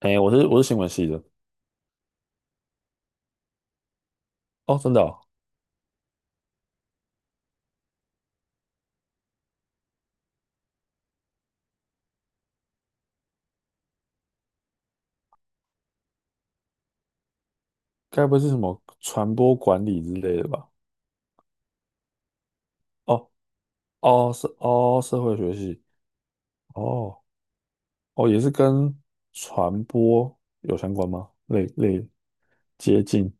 哎、我是新闻系的。哦，真的哦。该不会是什么传播管理之类的吧？哦哦，是哦，社会学系。哦哦，也是跟传播有相关吗？类接近。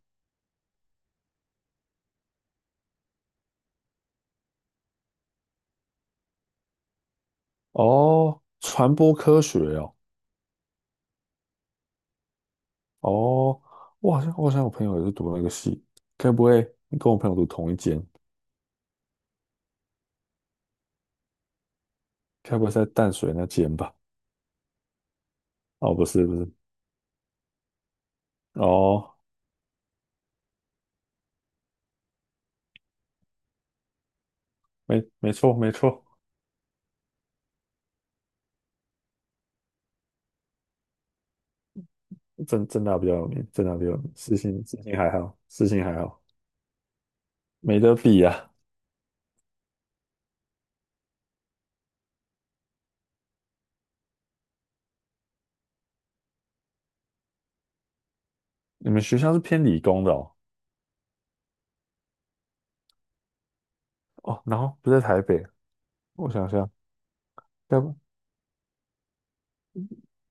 哦，传播科学哦。哦，我好像我朋友也是读那个系。该不会你跟我朋友读同一间？该不会是在淡水那间吧？哦，不是不是。哦，没错没错，正大比较有名，正大比较有名，私信私信还好，私信还好。没得比啊！你们学校是偏理工的哦。哦，然后不在台北。我想想，要不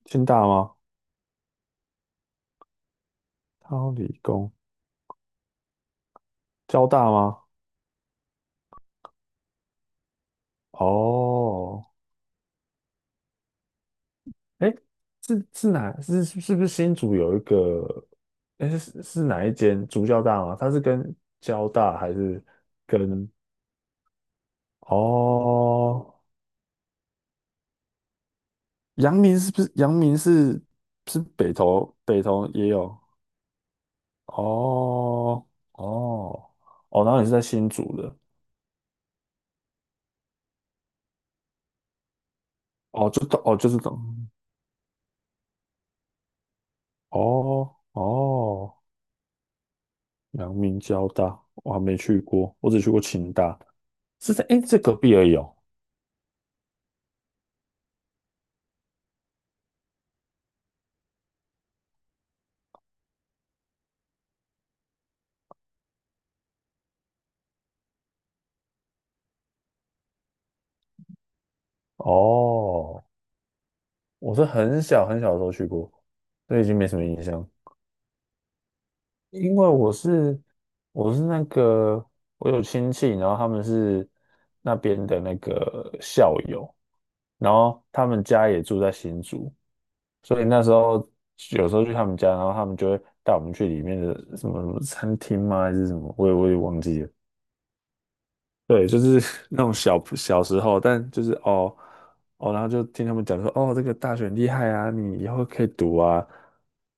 清大吗？超理工，交大吗？哦，哎，是是哪是是不是新竹有一个？哎，是哪一间竹交大吗？它是跟交大还是跟哦？阳明是不是阳明是是北投也有。哦哦哦，然后你是在新竹的。哦，就到哦，就是到。哦哦，阳明交大，我还没去过，我只去过清大，是在诶，这隔壁而已哦。哦，我是很小很小的时候去过，所以已经没什么印象。因为我是那个，我有亲戚，然后他们是那边的那个校友，然后他们家也住在新竹，所以那时候有时候去他们家，然后他们就会带我们去里面的什么什么餐厅吗？还是什么？我也忘记了。对，就是 那种小小时候，但就是哦。哦，然后就听他们讲说，哦，这个大学很厉害啊，你以后可以读啊。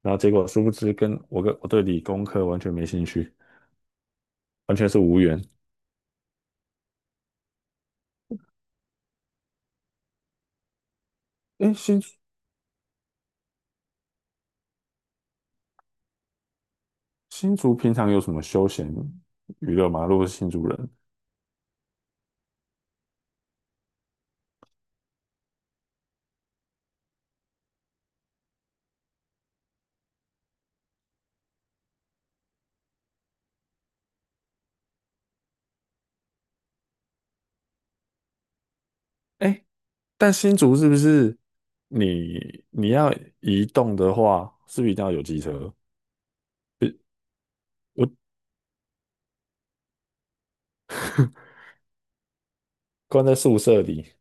然后结果殊不知跟，我跟我对理工科完全没兴趣，完全是无缘。诶，新竹平常有什么休闲娱乐吗？如果是新竹人。哎，但新竹是不是你要移动的话，是不是一定要有机车？我 关在宿舍里。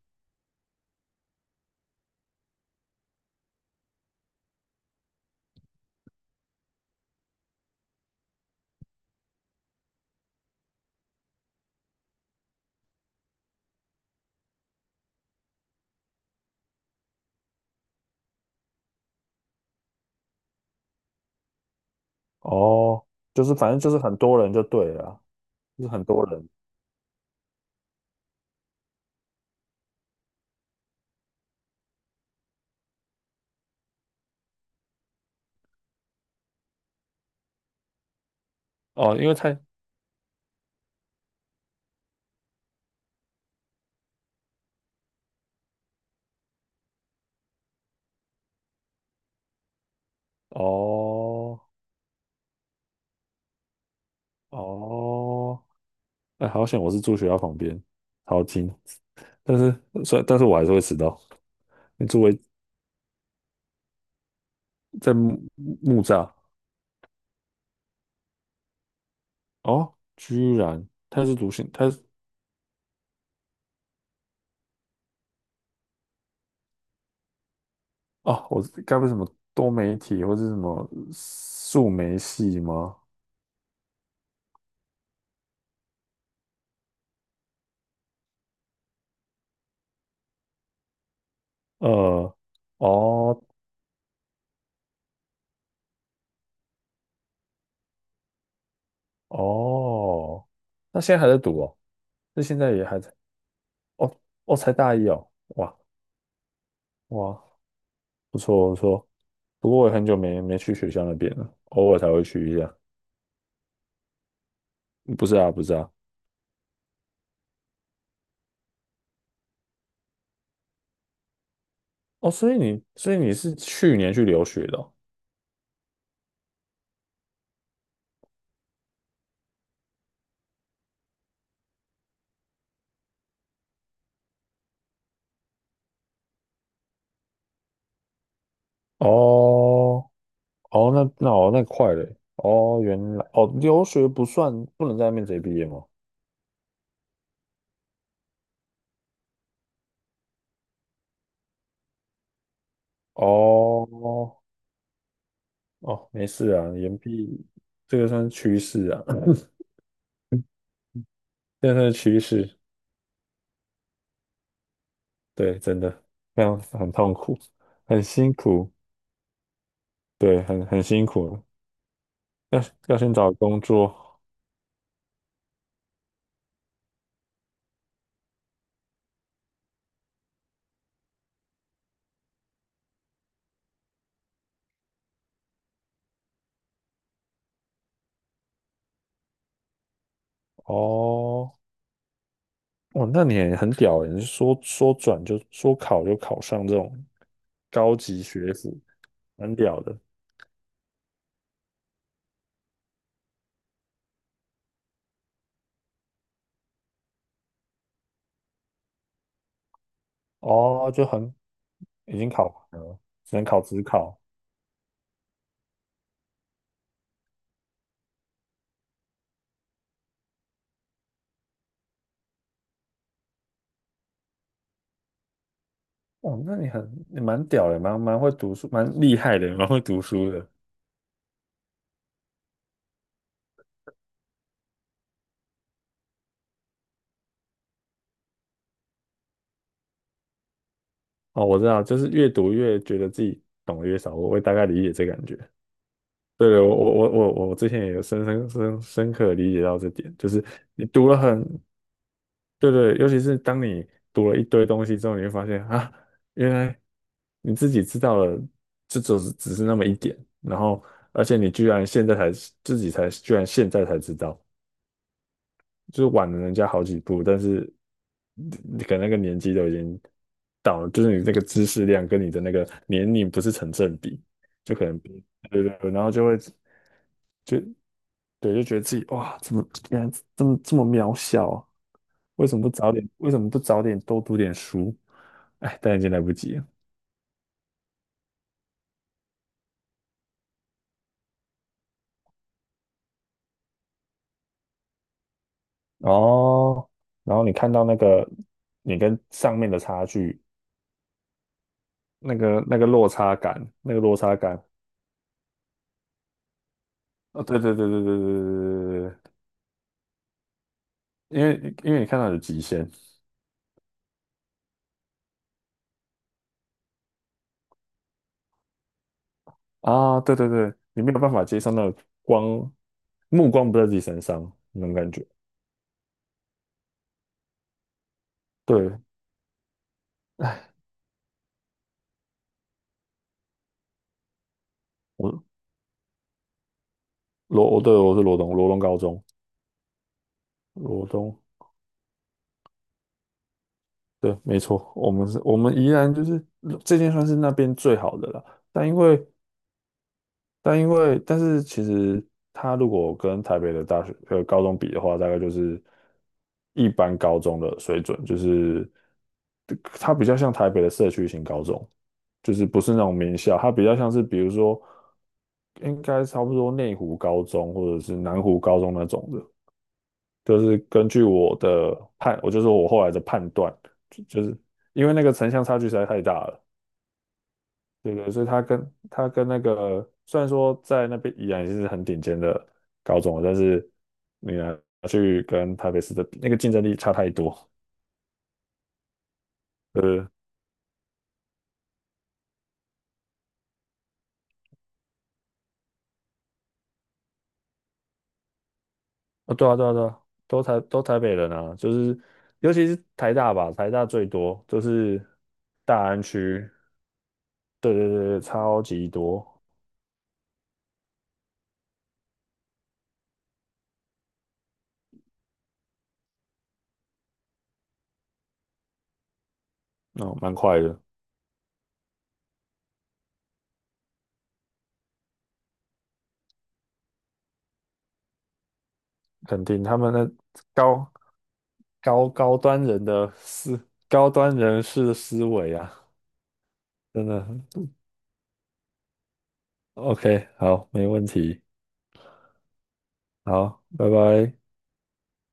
哦，就是反正就是很多人就对了啊，就是很多人。哦，因为太。哦哦，哎，好险我是住学校旁边，好近。但是所以但是我还是会迟到。你住为在木栅。哦，居然他是读新，他。哦，我该不是什么多媒体或是什么数媒系吗？呃，哦哦，那现在还在读哦？那现在也还在？哦哦，才大一哦。哇哇，不错不错。不过我也很久没去学校那边了，偶尔才会去一下。不是啊不是啊。哦，所以你是去年去留学的哦？哦哦，那快嘞！哦，原来哦，留学不算不能在那边直接毕业吗？哦哦，没事啊，岩壁这个算是趋势啊，这个算是趋势。对，真的非常很痛苦，很辛苦。对，很辛苦。要要先找工作。哦，哦，那你也很屌欸，你是说转就说考就考上这种高级学府，蛮屌的。哦，就很，已经考完了，只能考职考。哦，那你蛮屌的，蛮会读书，蛮厉害的，蛮会读书的。哦，我知道，就是越读越觉得自己懂得越少，我会大概理解这感觉。对对，我之前也有深刻地理解到这点，就是你读了很。对对，尤其是当你读了一堆东西之后，你会发现啊，原来你自己知道了，这只是那么一点，然后而且你居然现在才自己才居然现在才知道，就是晚了人家好几步，但是你可能那个年纪都已经到了，就是你那个知识量跟你的那个年龄不是成正比，就可能比，对对对，然后就会，就对，就觉得自己哇，怎么原来这么这么渺小啊？为什么不早点？为什么不早点多读点书？哎，但已经来不及了。哦，然后你看到那个你跟上面的差距，那个落差感，那个落差感啊，对对对对对对对对。因为你看到有极限啊。对对对，你没有办法接受那个光，目光不在自己身上那种感觉。对，我我对，我是罗东，罗东高中。罗东，对，没错，我们宜兰就是这件算是那边最好的了，但因为但因为，但是其实它如果跟台北的大学高中比的话，大概就是一般高中的水准，就是它比较像台北的社区型高中，就是不是那种名校，它比较像是比如说应该差不多内湖高中或者是南湖高中那种的，就是根据我的判，我就说我后来的判断，就是因为那个城乡差距实在太大了。对对，所以他跟那个虽然说在那边依然是很顶尖的高中了，但是你拿去跟台北市的比那个竞争力差太多。呃，啊，对啊对啊对啊，都台都台北人啊，就是尤其是台大吧，台大最多，就是大安区，对对对，对超级多。哦，蛮快的，肯定他们的高高高端人的思高端人士的思维啊。真的 OK,好，没问题。好，拜拜。